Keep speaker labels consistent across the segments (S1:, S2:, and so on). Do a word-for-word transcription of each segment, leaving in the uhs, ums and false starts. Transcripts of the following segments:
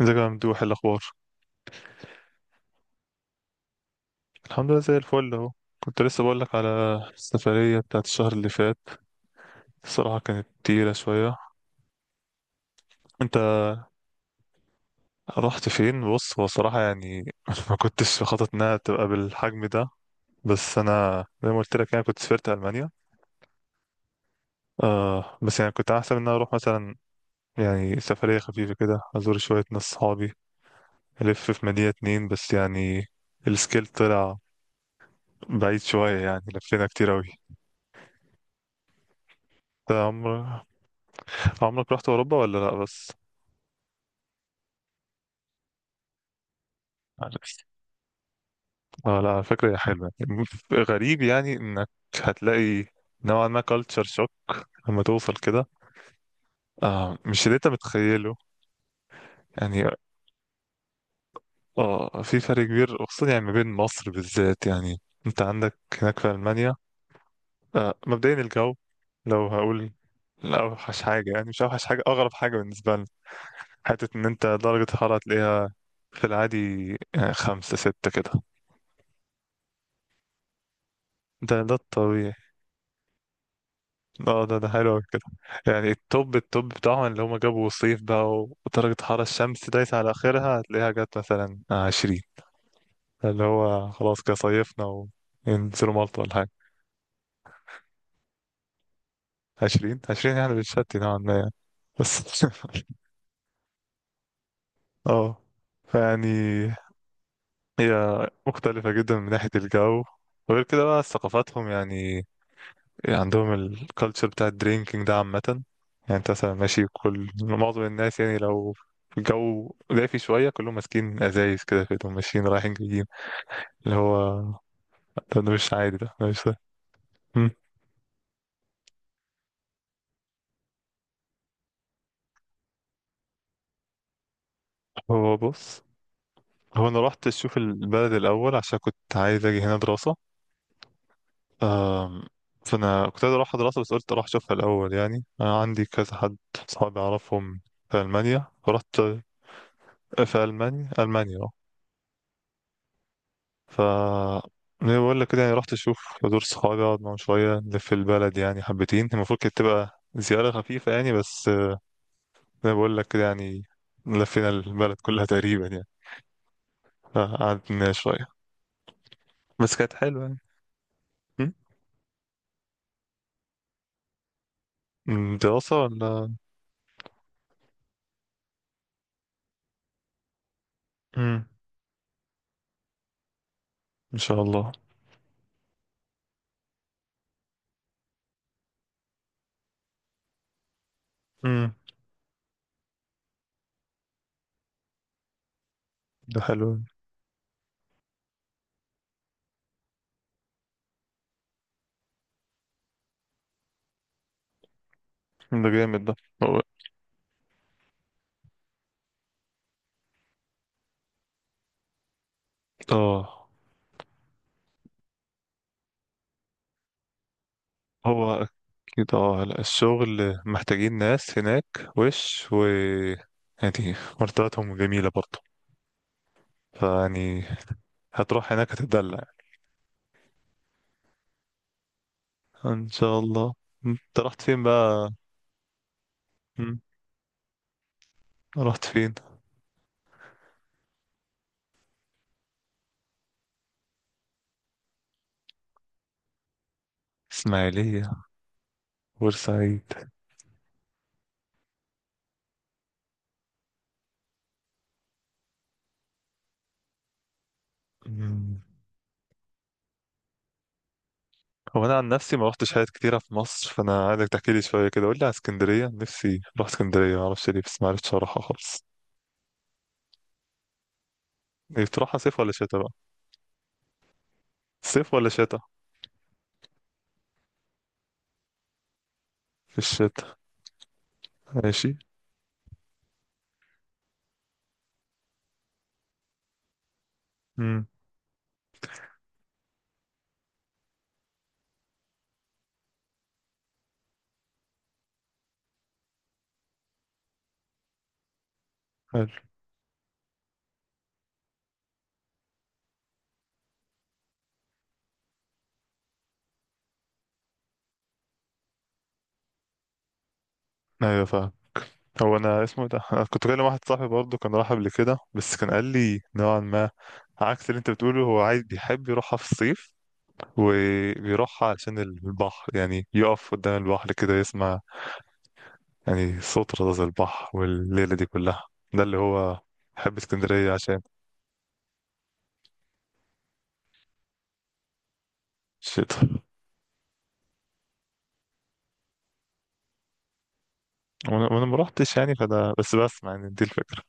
S1: ازيك يا ممدوح؟ إيه الاخبار؟ الحمد لله زي الفل اهو. كنت لسه بقول لك على السفريه بتاعت الشهر اللي فات. الصراحه كانت تقيله شويه. انت رحت فين؟ بص، هو صراحه يعني ما كنتش خطط انها تبقى بالحجم ده. بس انا زي ما قلت لك يعني كنت سافرت المانيا. آه بس يعني كنت احسب ان انا اروح مثلا يعني سفريه خفيفه كده، ازور شويه ناس صحابي الف في مدينه اتنين بس. يعني السكيل طلع بعيد شويه، يعني لفينا كتير اوي. انت عمرك عمرك رحت اوروبا ولا لا؟ بس اه لا، على فكرة هي حلوة. غريب يعني انك هتلاقي نوعا ما كالتشر شوك لما توصل كده. آه مش اللي انت متخيله يعني. اه، في فرق كبير خصوصا يعني ما بين مصر بالذات، يعني انت عندك هناك في ألمانيا. آه مبدئيا الجو، لو هقول لا اوحش حاجة، يعني مش اوحش حاجة. اغرب حاجة بالنسبة لنا حتة ان انت درجة الحرارة تلاقيها في العادي يعني خمسة ستة كده. ده ده الطبيعي. اه ده ده حلو أوي كده. يعني التوب التوب بتاعهم اللي هما جابوا صيف بقى، ودرجة حرارة الشمس دايسة على آخرها، هتلاقيها جت مثلا عشرين، اللي هو خلاص كده صيفنا. وينزلوا مالطا ولا حاجة. عشرين عشرين يعني بتشتي نوعا ما يعني. بس اه فيعني هي مختلفة جدا من ناحية الجو. وغير كده بقى ثقافاتهم يعني. يعني عندهم الكالتشر بتاع الدرينكينج ده عامة. يعني انت مثلا ماشي، كل معظم الناس، يعني لو الجو دافي شوية، كلهم ماسكين أزايز كده في ايدهم ماشيين رايحين جايين. اللي هو ده ده مش عادي، ده ده مش ده. مم. هو بص، هو أنا رحت أشوف البلد الأول عشان كنت عايز أجي هنا دراسة. أم، فأنا كنت عايز أروح دراسة، بس قلت أروح أشوفها الأول، يعني أنا عندي كذا حد صحابي أعرفهم في ألمانيا فرحت. في ألمانيا، ألمانيا. ف زي ما بقول لك كده، يعني رحت اشوف دور صحابي، اقعد معاهم شويه، نلف البلد يعني حبتين. المفروض كانت تبقى زياره خفيفه يعني، بس زي ما بقول لك كده يعني لفينا البلد كلها تقريبا يعني. قعدنا شويه بس كانت حلوه يعني. م؟ م، دراسه ولا. م، ان شاء الله. م، ده حلو يعني. ده جامد ده. هو اه هو اكيد. اه لا، الشغل محتاجين ناس هناك. وش و يعني مرتباتهم جميله برضه. فيعني هتروح هناك هتتدلع. ان شاء الله. م. انت رحت فين بقى؟ م. رحت فين؟ اسماعيلية. بورسعيد. م. هو انا عن نفسي ما رحتش حاجات كتيرة في مصر، فانا عايزك تحكي لي شوية كده. قول لي على اسكندرية، نفسي اروح اسكندرية. ما اعرفش ليه بس ما عرفتش اروحها خالص. إيه، تروحها صيف ولا شتاء بقى؟ صيف ولا شتاء؟ في الشتاء. ماشي. امم. حلو. ايوه فاهم. هو انا اسمه إيه ده، انا كنت كلم واحد صاحبي برضه كان راح قبل كده، بس كان قال لي نوعا ما عكس اللي انت بتقوله. هو عايز، بيحب يروحها في الصيف وبيروح عشان البحر، يعني يقف قدام البحر كده يسمع يعني صوت رذاذ البحر والليلة دي كلها. ده اللي هو بحب اسكندرية عشان الشتا. وانا وأنا ما روحتش يعني، فده بس بسمع يعني، دي الفكرة.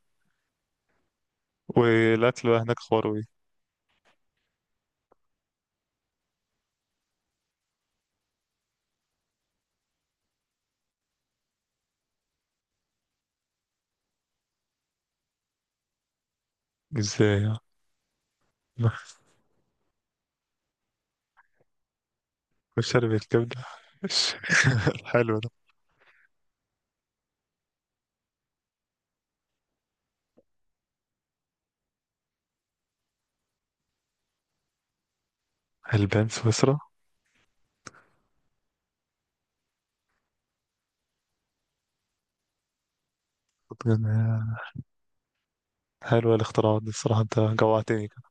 S1: والاكل بقى هناك خروي؟ ازاي يعني؟ والشرب الكبدة؟ حلو ده. البان سويسرا. حلوة الاختراعات دي الصراحة، انت جوعتني كده.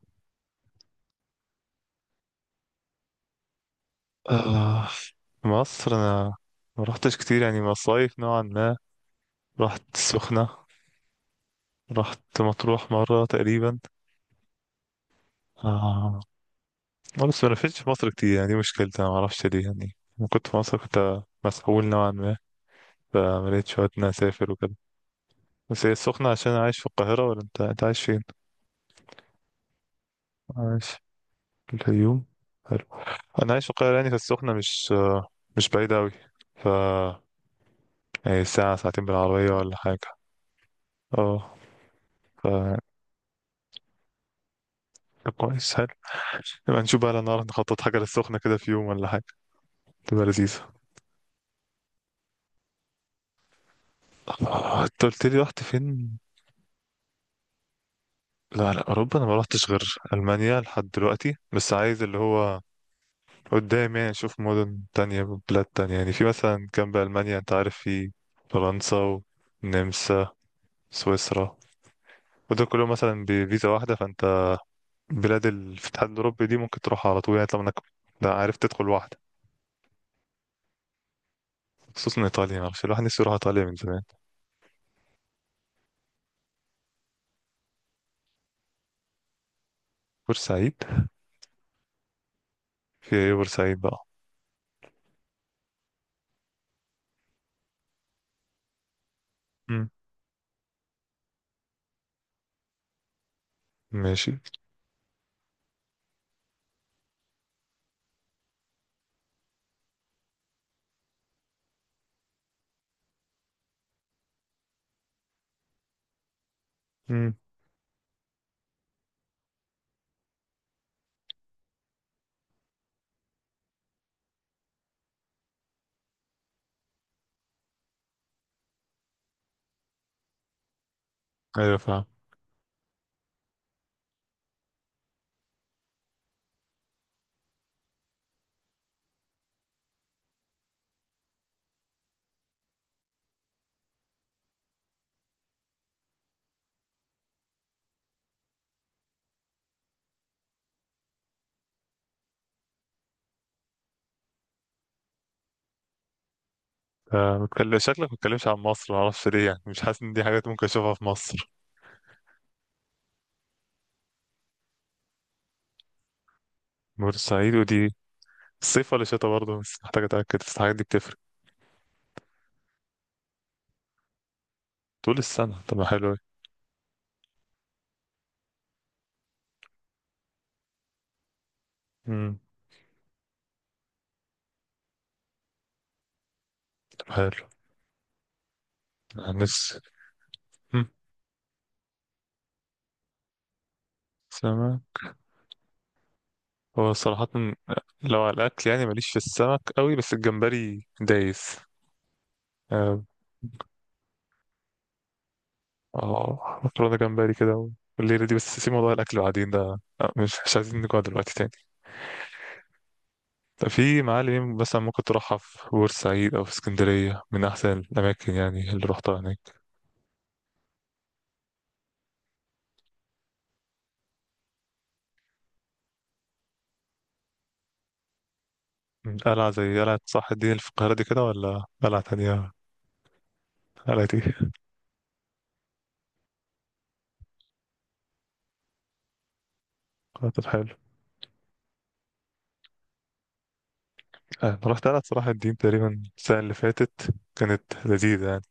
S1: آه. مصر انا ما رحتش كتير يعني، مصايف نوعا ما. رحت السخنة، رحت مطروح مرة تقريبا. آه. آه، بس ما لفتش في مصر كتير يعني، دي مشكلتي أنا معرفش ليه. يعني لما كنت في مصر كنت مسحول نوعا ما، فملقتش وقت إن أنا أسافر وكده. بس هي السخنة عشان أنا عايش في القاهرة، ولا أنت، أنت عايش فين؟ عايش في الفيوم؟ حلو. أنا عايش في القاهرة، يعني فالسخنة مش آه، مش بعيدة أوي. ف يعني ساعة ساعتين بالعربية ولا حاجة. اه. ف طب كويس، حلو. نبقى نشوف بقى لو نعرف نخطط حاجة للسخنة كده في يوم ولا حاجة، تبقى لذيذة. آه، انت قلت لي رحت فين؟ لا لا اوروبا انا ما روحتش غير المانيا لحد دلوقتي. بس عايز اللي هو قدام يعني اشوف مدن تانية، بلاد تانية. يعني في مثلا جنب المانيا، انت عارف، في فرنسا والنمسا، سويسرا، ودول كلهم مثلا بفيزا واحدة. فانت بلاد الاتحاد الاوروبي دي ممكن تروحها على طول، يعني طالما انك، لا، عارف تدخل واحدة. خصوصا ايطاليا، معرفش، الواحد نفسه يروح ايطاليا من زمان. بورسعيد. في ايه بورسعيد بقى؟ مم. ماشي. مم. ايوه فاهم. آه، بتكلم شكلك ما بتتكلمش عن مصر، معرفش ليه، يعني مش حاسس ان دي حاجات ممكن اشوفها في مصر. بورسعيد، ودي الصيف ولا شتا برضه؟ بس محتاج أتأكد، بس الحاجات دي بتفرق. طول السنة؟ طب ما حلو أوي. امم. طب حلو. الناس. سمك. هو صراحة لو على الأكل يعني ماليش في السمك قوي، بس الجمبري دايس. اه. آه، مكرونة جمبري كده والليلة دي. بس سيب موضوع الأكل بعدين ده، آه، مش مش عايزين نقعد دلوقتي تاني. طب في معالم مثلا ممكن تروحها في بورسعيد أو في اسكندرية، من أحسن الأماكن يعني اللي روحتها هناك؟ قلعة، زي قلعة صلاح الدين اللي في القاهرة دي كده، ولا قلعة تانية؟ حالتي. خاطر حلو. آه، أنا رحت، أنا صراحة الدين تقريبا السنة اللي فاتت كانت لذيذة يعني.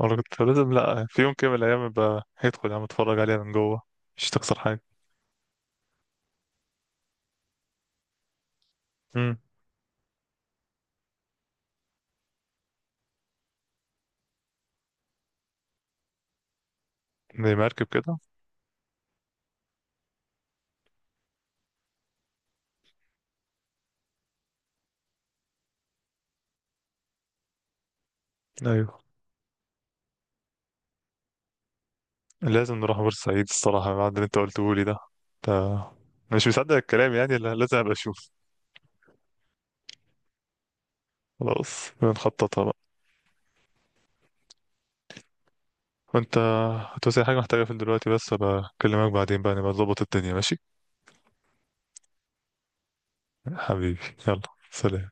S1: مرة كنت فلازم، لأ في يوم كده من الأيام بقى هيدخل عم أتفرج عليها من جوه، مش تخسر حاجة. امم. زي مركب كده؟ أيوه. لازم نروح بورسعيد الصراحة، بعد اللي أنت قلته لي ده. ده مش مصدق الكلام يعني، لا- لازم أبقى أشوف. خلاص بنخططها بقى. وأنت هتوصي حاجة، محتاجة في دلوقتي؟ بس أبقى أكلمك بعدين بقى، نبقى نظبط الدنيا، ماشي؟ حبيبي. يلا، سلام.